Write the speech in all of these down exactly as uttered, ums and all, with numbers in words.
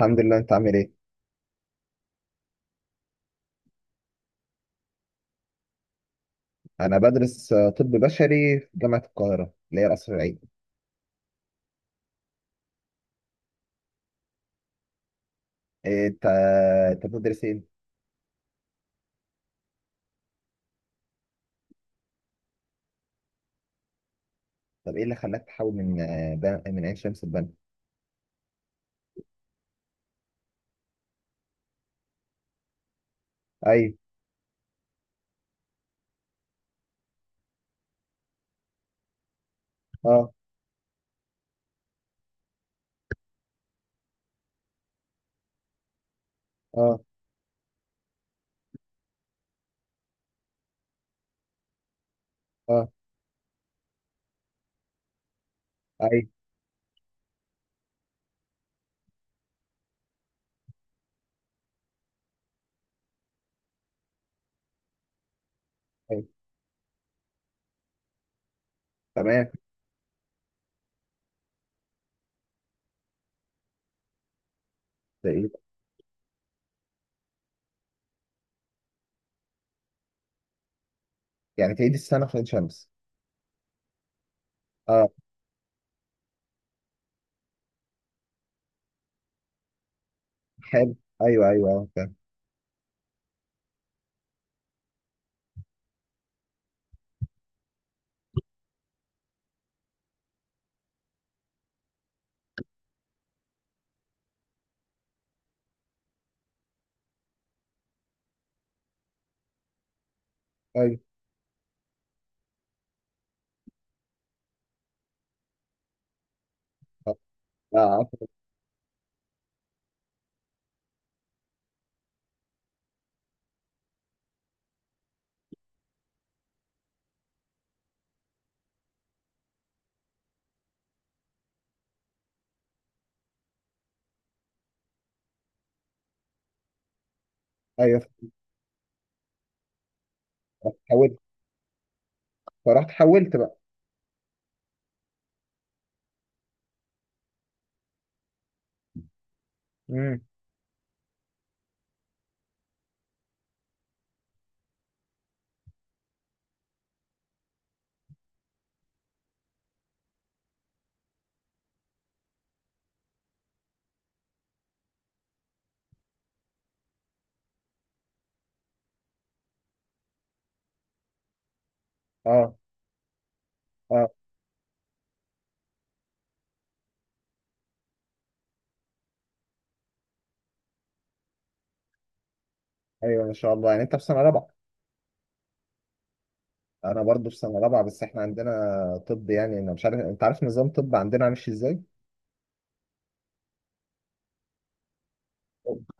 الحمد لله، انت عامل ايه؟ انا بدرس آه، طب بشري في جامعة القاهرة اللي هي القصر العيني. إيه، انت انت بتدرس ايه؟ طب ايه اللي خلاك تحول من آه، بن- من عين شمس لبنا؟ ايوه، اه، اه، اه، ايوه، ايوه، تمام. ده ايه؟ يعني تعيد السنة في عين شمس. اه، حلو. ايوه، ايوه، اه، فاهم. ايوه. اه. لا، عارف. ايوه. رحت حولت؟ فرحت حولت بقى. امم. اه. اه. ايوه، ما شاء الله، يعني انت في سنة رابعة. انا برضو في سنه رابعه، بس احنا عندنا طب. يعني انا مش عارف انت عارف نظام طب عندنا ماشي ازاي.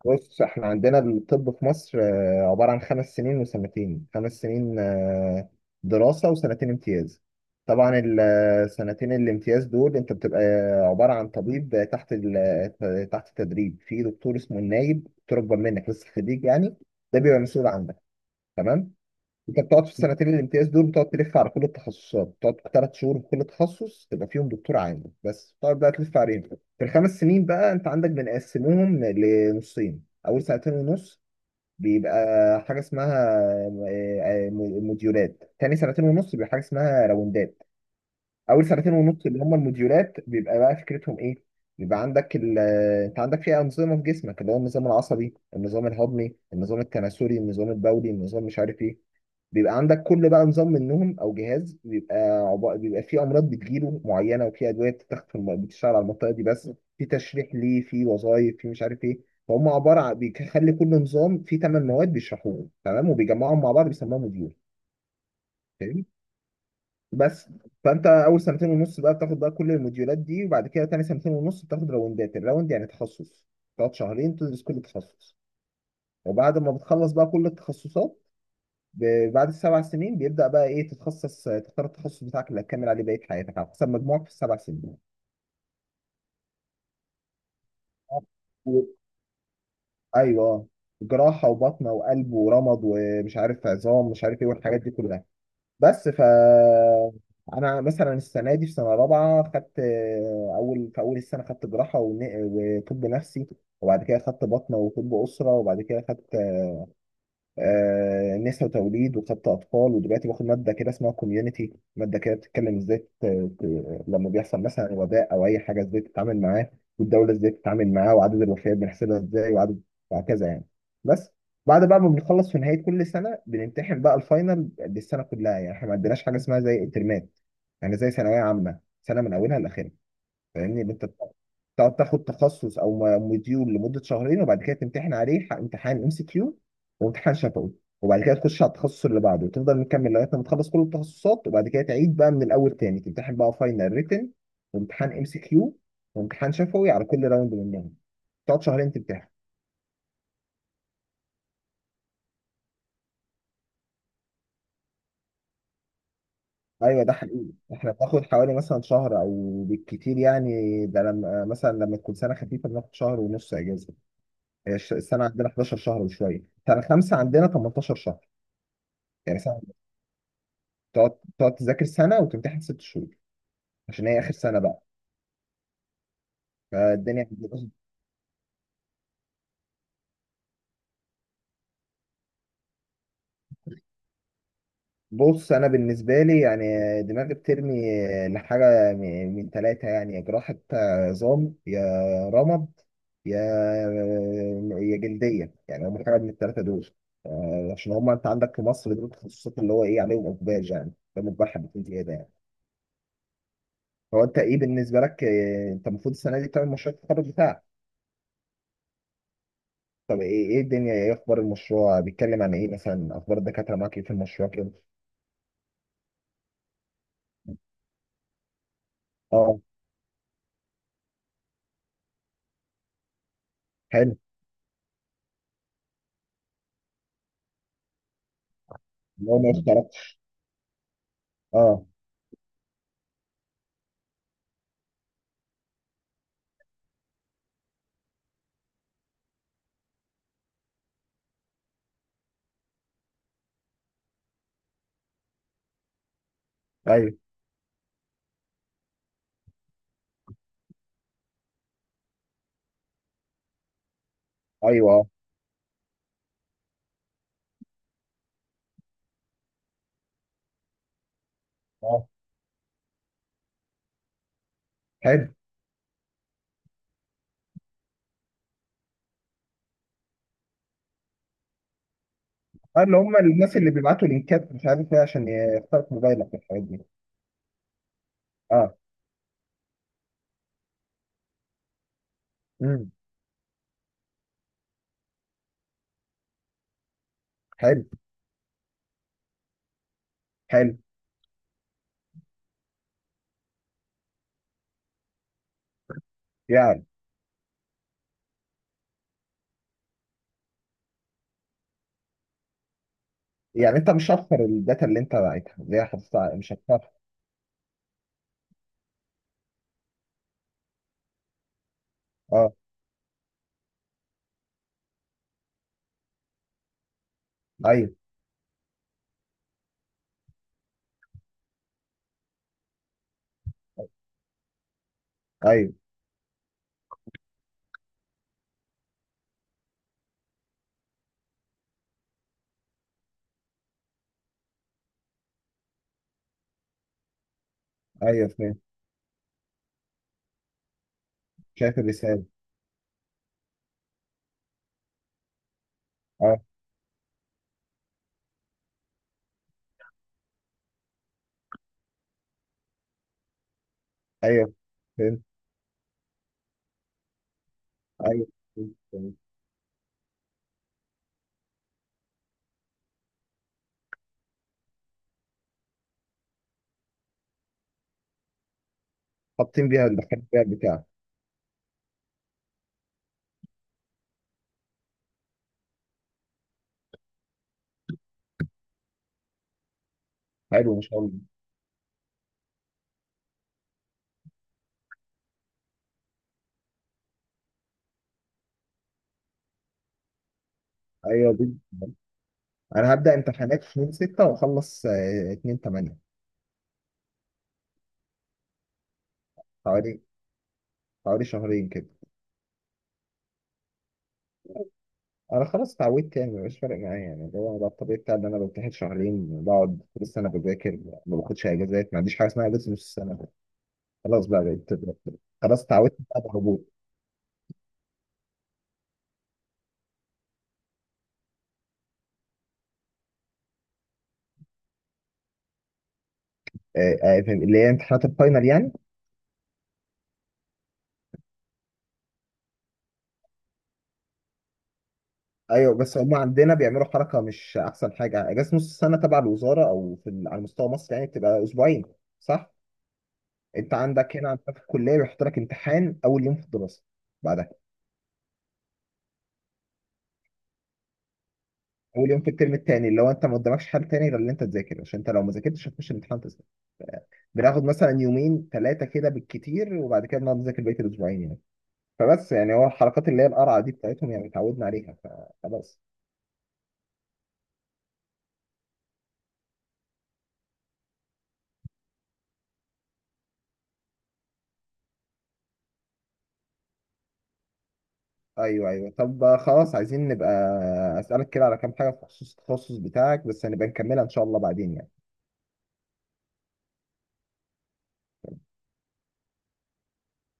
بص، احنا عندنا الطب في مصر آه، عباره عن خمس سنين وسنتين. خمس سنين آه، دراسه، وسنتين امتياز. طبعا السنتين الامتياز دول انت بتبقى عباره عن طبيب تحت ال- تحت التدريب، في دكتور اسمه النايب، دكتور اكبر منك لسه خريج يعني، ده بيبقى مسؤول عنك. تمام. انت بتقعد في السنتين الامتياز دول، بتقعد تلف على كل التخصصات، بتقعد ثلاث شهور في كل تخصص، تبقى فيهم دكتور عام بس، بتقعد بقى تلف عليهم. في الخمس سنين بقى، انت عندك بنقسمهم لنصين: اول سنتين ونص بيبقى حاجه اسمها آه، آه، موديولات، تاني سنتين ونص بيبقى حاجه اسمها راوندات. اول سنتين ونص اللي هم الموديولات بيبقى بقى فكرتهم ايه: بيبقى عندك ال آه، انت عندك فيها انظمه في جسمك، اللي هو النظام العصبي، النظام الهضمي، النظام التناسلي، النظام البولي، النظام مش عارف ايه. بيبقى عندك كل بقى نظام منهم او جهاز، بيبقى عب... بيبقى فيه امراض بتجيله معينه، وفي ادويه بتتاخد في الم... بتشتغل على المنطقه دي بس، في تشريح ليه، في وظائف، في مش عارف ايه. فهم عباره عن بيخلي كل نظام فيه ثمان مواد بيشرحوهم، تمام؟ وبيجمعهم مع بعض بيسموها موديول. فاهمني؟ بس فانت اول سنتين ونص بقى بتاخد بقى كل الموديولات دي، وبعد كده تاني سنتين ونص بتاخد راوندات. الراوند يعني تخصص، تقعد شهرين تدرس كل تخصص، وبعد ما بتخلص بقى كل التخصصات، ب- بعد السبع سنين بيبدأ بقى ايه، تتخصص، تختار التخصص بتاعك اللي هتكمل عليه بقية حياتك على حسب مجموعك في السبع سنين. و- ايوه، جراحة وبطنة وقلب ورمد ومش عارف عظام مش عارف ايه والحاجات دي كلها. بس ف انا مثلا السنة دي في سنة رابعة خدت آه، اول في اول السنة خدت جراحة ون- وطب نفسي، وبعد كده خدت بطنة وطب أسرة، وبعد كده خدت آه، نساء وتوليد، وخدت اطفال، ودلوقتي باخد ماده كده اسمها كوميونتي، ماده كده بتتكلم ازاي ت- ت- لما بيحصل مثلا وباء او اي حاجه ازاي تتعامل معاه، والدوله ازاي تتعامل معاه، وعدد الوفيات بنحسبها ازاي، وعدد، وهكذا يعني. بس بعد بقى ما بنخلص في نهايه كل سنه بنمتحن بقى الفاينل للسنه كلها. يعني احنا ما عندناش حاجه اسمها زي الترمات، يعني زي ثانويه عامه، سنه من اولها لاخرها. فاهمني؟ اللي انت تقعد تاخد تخصص او م- مديول لمده شهرين، وبعد كده تمتحن عليه ح- امتحان ام سي كيو وامتحان شفوي، وبعد كده تخش على التخصص اللي بعده، وتفضل مكمل لغايه ما تخلص كل التخصصات، وبعد كده تعيد بقى من الاول تاني، تمتحن بقى فاينل ريتن وامتحان ام سي كيو وامتحان شفوي على كل راوند منهم، تقعد شهرين تمتحن. ايوه، ده حقيقي. احنا بناخد حوالي مثلا شهر او بالكتير يعني، ده لما مثلا لما تكون سنه خفيفه بناخد شهر ونص اجازه. هي الش- السنه عندنا إحداشر شهر وشويه، سنه خمسه عندنا تمنتاشر شهر يعني. سنة، تقعد تقعد تذاكر سنة وتمتحن ست شهور، عشان هي آخر سنة بقى. فالدنيا بتبقى- بص، أنا بالنسبة لي يعني دماغي بترمي لحاجة من من تلاتة، يعني يا جراحة عظام، يا رمد، يا، يا جلدية، يعني هم حاجة من التلاتة دول. آه، عشان هم أنت عندك في مصر دول التخصصات اللي هو إيه عليهم إقبال يعني، ده مجبر حبتين زيادة يعني. هو أنت إيه بالنسبة لك؟ آه، أنت المفروض السنة دي تعمل مشروع التخرج بتاعك. طب ايه، ايه الدنيا، ايه اخبار المشروع، بيتكلم عن ايه مثلا؟ اخبار الدكاتره معاك ايه في المشروع كده؟ اه. حلو. اللي هو ما اشتركتش. اه. ايوه، ايوه. اه. اه، حلو. اه، اللي هم الناس اللي بيبعتوا لينكات مش عارف ايه عشان يخترق موبايلك والحاجات دي. اه. امم. حلو. حلو. يعني. يعني انت مش هتخسر الداتا اللي انت باعتها، اللي هي حافظتها مش هتخسر. اه. ايوه. ايوه. ايوه، فهمت. شايف الرساله. اه. ايوه، فهمت. ايوه، فهمت فهمت. حاطين بيها الدكاتره بتاعك. حلو، ما شاء الله. ايوه دي. انا هبدأ امتحانات في اتنين ستة واخلص آه، اتنين تمانية. حوالي حوالي شهرين كده. انا خلاص اتعودت يعني، مبقاش فارق معايا يعني، اللي هو ده الطبيعي بتاعي ان انا بمتحن شهرين، بقعد لسه انا بذاكر، ما باخدش اجازات، ما عنديش حاجه اسمها اجازه نص السنه، خلاص بقى بقيت. خلاص، اتعودت بقى بهبوط. آه، آه، فاهم؟ اللي هي امتحانات الفاينل يعني. ايوه، بس هم عندنا بيعملوا حركه مش احسن حاجه: اجازه نص السنه تبع الوزاره او في ال- على مستوى مصر يعني بتبقى اسبوعين، صح؟ انت عندك هنا، عندك في الكليه بيحط لك امتحان اول يوم في الدراسه بعدها، اول يوم في الترم الثاني، اللي هو انت ما قدامكش حل تاني غير ان انت تذاكر، عشان انت لو ما ذاكرتش هتخش الامتحان تسقط. بناخد مثلا يومين ثلاثه كده بالكتير، وبعد كده بنقعد نذاكر بقيه الاسبوعين يعني. فبس يعني هو الحركات اللي هي القرعه دي بتاعتهم يعني اتعودنا عليها فخلاص. ايوه، ايوه. طب خلاص، عايزين نبقى اسالك كده على كام حاجه في خصوص التخصص بتاعك بس، هنبقى نكملها ان شاء الله بعدين يعني.